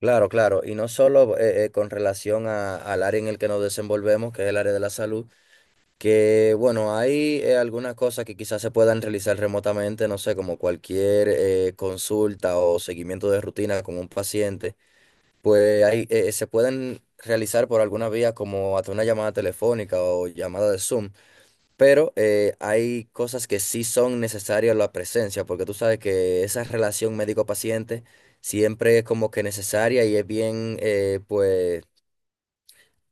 Claro, claro, y no solo con relación al área en el que nos desenvolvemos, que es el área de la salud, que bueno, hay algunas cosas que quizás se puedan realizar remotamente, no sé, como cualquier consulta o seguimiento de rutina con un paciente, pues ahí se pueden realizar por alguna vía como hasta una llamada telefónica o llamada de Zoom. Pero hay cosas que sí son necesarias la presencia, porque tú sabes que esa relación médico-paciente siempre es como que necesaria y es bien, pues,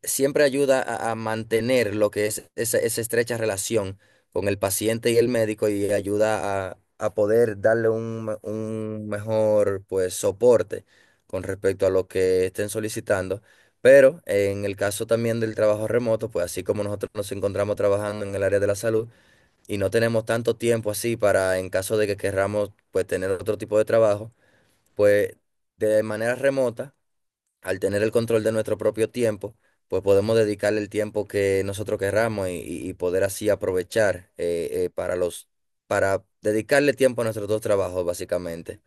siempre ayuda a mantener lo que es esa estrecha relación con el paciente y el médico y ayuda a poder darle un mejor, pues, soporte con respecto a lo que estén solicitando. Pero en el caso también del trabajo remoto, pues así como nosotros nos encontramos trabajando en el área de la salud, y no tenemos tanto tiempo así para, en caso de que querramos, pues tener otro tipo de trabajo, pues de manera remota, al tener el control de nuestro propio tiempo, pues podemos dedicarle el tiempo que nosotros querramos y poder así aprovechar para dedicarle tiempo a nuestros dos trabajos, básicamente.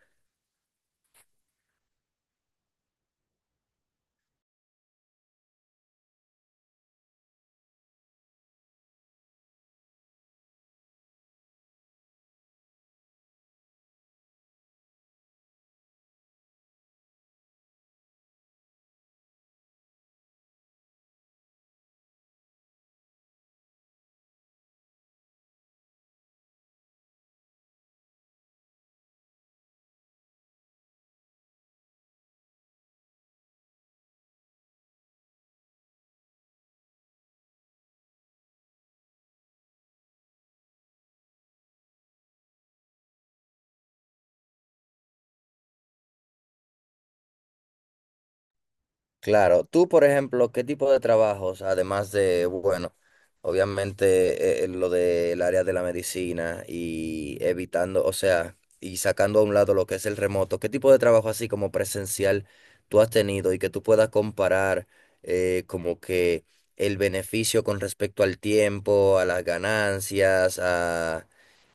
Claro, tú, por ejemplo, ¿qué tipo de trabajos, además de, bueno, obviamente lo del área de la medicina y evitando, o sea, y sacando a un lado lo que es el remoto, qué tipo de trabajo así como presencial tú has tenido y que tú puedas comparar como que el beneficio con respecto al tiempo, a las ganancias,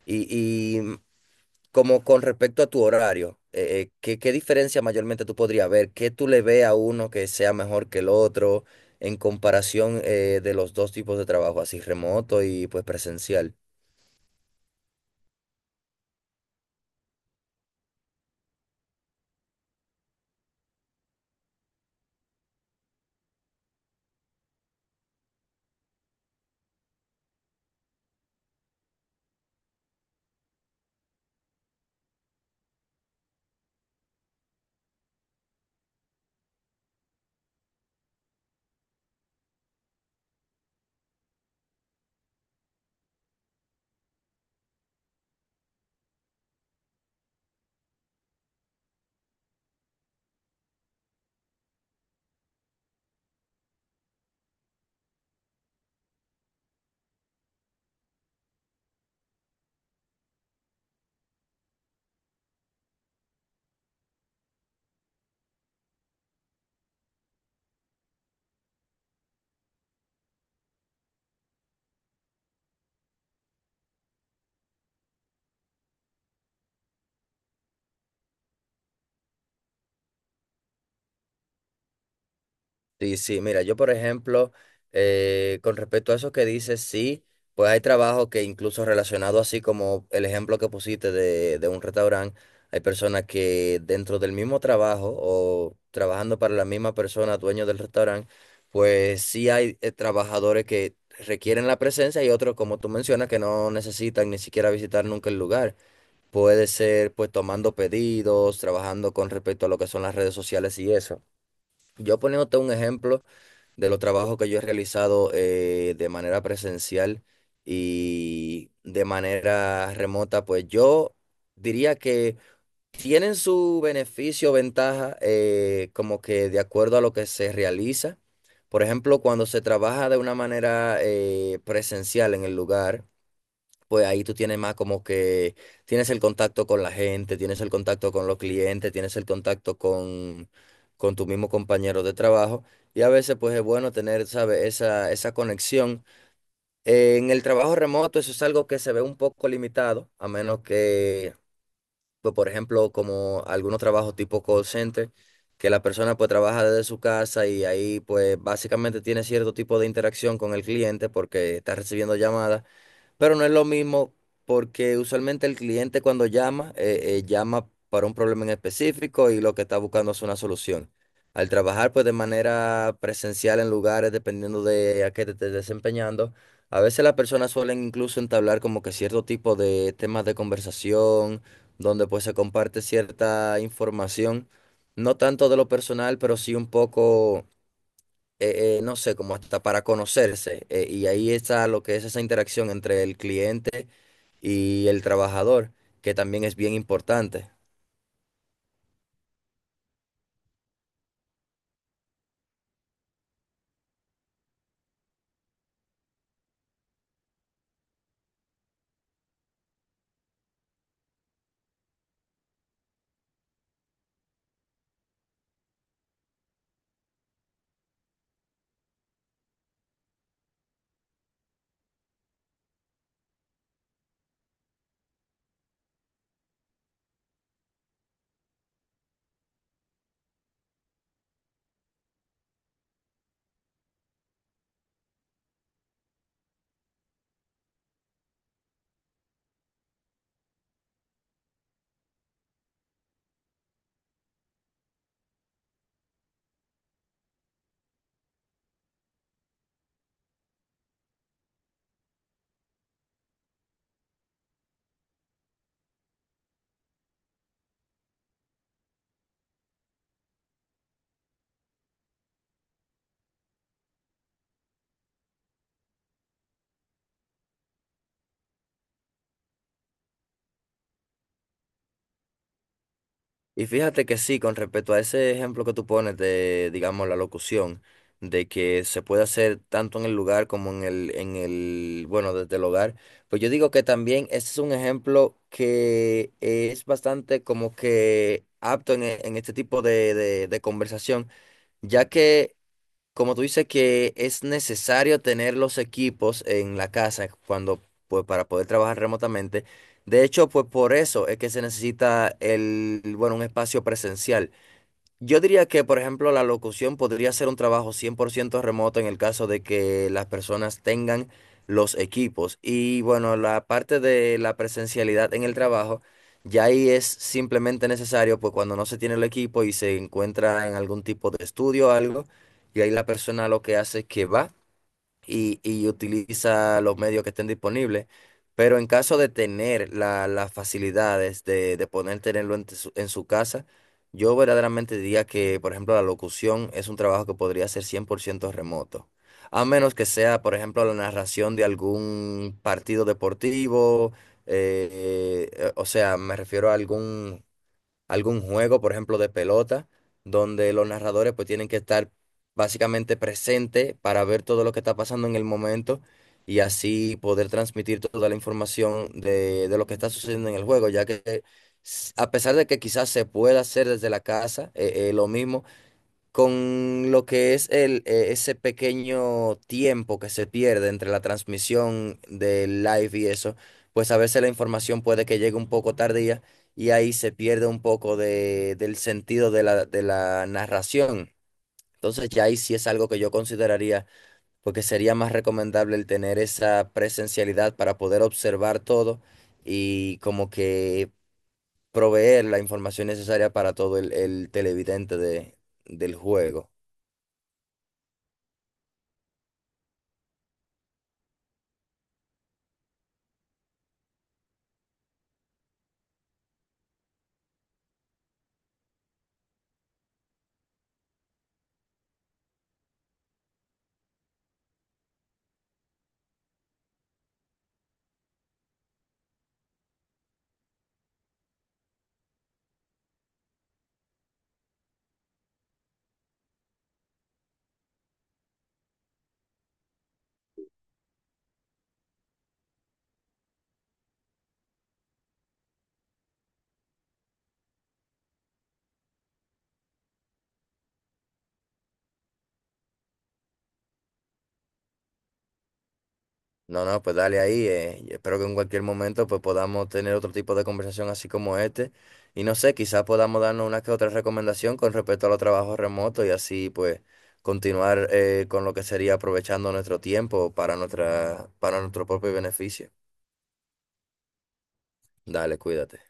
y, y como con respecto a tu horario, ¿qué diferencia mayormente tú podrías ver? ¿Qué tú le ves a uno que sea mejor que el otro en comparación de los dos tipos de trabajo, así remoto y pues presencial? Sí, sí, mira, yo por ejemplo, con respecto a eso que dices, sí, pues hay trabajo que incluso relacionado así como el ejemplo que pusiste de un restaurante, hay personas que dentro del mismo trabajo o trabajando para la misma persona, dueño del restaurante, pues sí hay trabajadores que requieren la presencia y otros, como tú mencionas, que no necesitan ni siquiera visitar nunca el lugar. Puede ser pues tomando pedidos, trabajando con respecto a lo que son las redes sociales y eso. Yo poniéndote un ejemplo de los trabajos que yo he realizado de manera presencial y de manera remota, pues yo diría que tienen su beneficio, o ventaja, como que de acuerdo a lo que se realiza. Por ejemplo, cuando se trabaja de una manera presencial en el lugar pues ahí tú tienes más como que tienes el contacto con la gente, tienes el contacto con los clientes, tienes el contacto con tu mismo compañero de trabajo. Y a veces pues es bueno tener, ¿sabes? Esa conexión. En el trabajo remoto eso es algo que se ve un poco limitado, a menos que, pues, por ejemplo, como algunos trabajos tipo call center, que la persona pues trabaja desde su casa y ahí pues básicamente tiene cierto tipo de interacción con el cliente porque está recibiendo llamadas. Pero no es lo mismo porque usualmente el cliente cuando llama, llama para un problema en específico y lo que está buscando es una solución. Al trabajar pues de manera presencial en lugares, dependiendo de a qué te estés desempeñando, a veces las personas suelen incluso entablar como que cierto tipo de temas de conversación, donde pues se comparte cierta información, no tanto de lo personal, pero sí un poco no sé, como hasta para conocerse. Y ahí está lo que es esa interacción entre el cliente y el trabajador, que también es bien importante. Y fíjate que sí, con respecto a ese ejemplo que tú pones de, digamos, la locución, de que se puede hacer tanto en el lugar como bueno, desde el hogar, pues yo digo que también ese es un ejemplo que es bastante como que apto en este tipo de conversación ya que como tú dices que es necesario tener los equipos en la casa cuando, pues, para poder trabajar remotamente. De hecho, pues por eso es que se necesita el, bueno, un espacio presencial. Yo diría que, por ejemplo, la locución podría ser un trabajo 100% remoto en el caso de que las personas tengan los equipos. Y bueno, la parte de la presencialidad en el trabajo, ya ahí es simplemente necesario, pues cuando no se tiene el equipo y se encuentra en algún tipo de estudio o algo, y ahí la persona lo que hace es que va y utiliza los medios que estén disponibles. Pero en caso de tener las facilidades de poder tenerlo en su casa, yo verdaderamente diría que, por ejemplo, la locución es un trabajo que podría ser 100% remoto. A menos que sea, por ejemplo, la narración de algún partido deportivo, o sea, me refiero a algún juego, por ejemplo, de pelota, donde los narradores pues tienen que estar básicamente presentes para ver todo lo que está pasando en el momento y así poder transmitir toda la información de lo que está sucediendo en el juego, ya que a pesar de que quizás se pueda hacer desde la casa, lo mismo con lo que es ese pequeño tiempo que se pierde entre la transmisión del live y eso, pues a veces la información puede que llegue un poco tardía y ahí se pierde un poco del sentido de la narración. Entonces ya ahí sí es algo que yo consideraría, porque sería más recomendable el tener esa presencialidad para poder observar todo y como que proveer la información necesaria para todo el televidente del juego. No, no, pues dale ahí. Y espero que en cualquier momento pues podamos tener otro tipo de conversación así como este. Y no sé, quizás podamos darnos una que otra recomendación con respecto a los trabajos remotos y así pues continuar con lo que sería aprovechando nuestro tiempo para para nuestro propio beneficio. Dale, cuídate.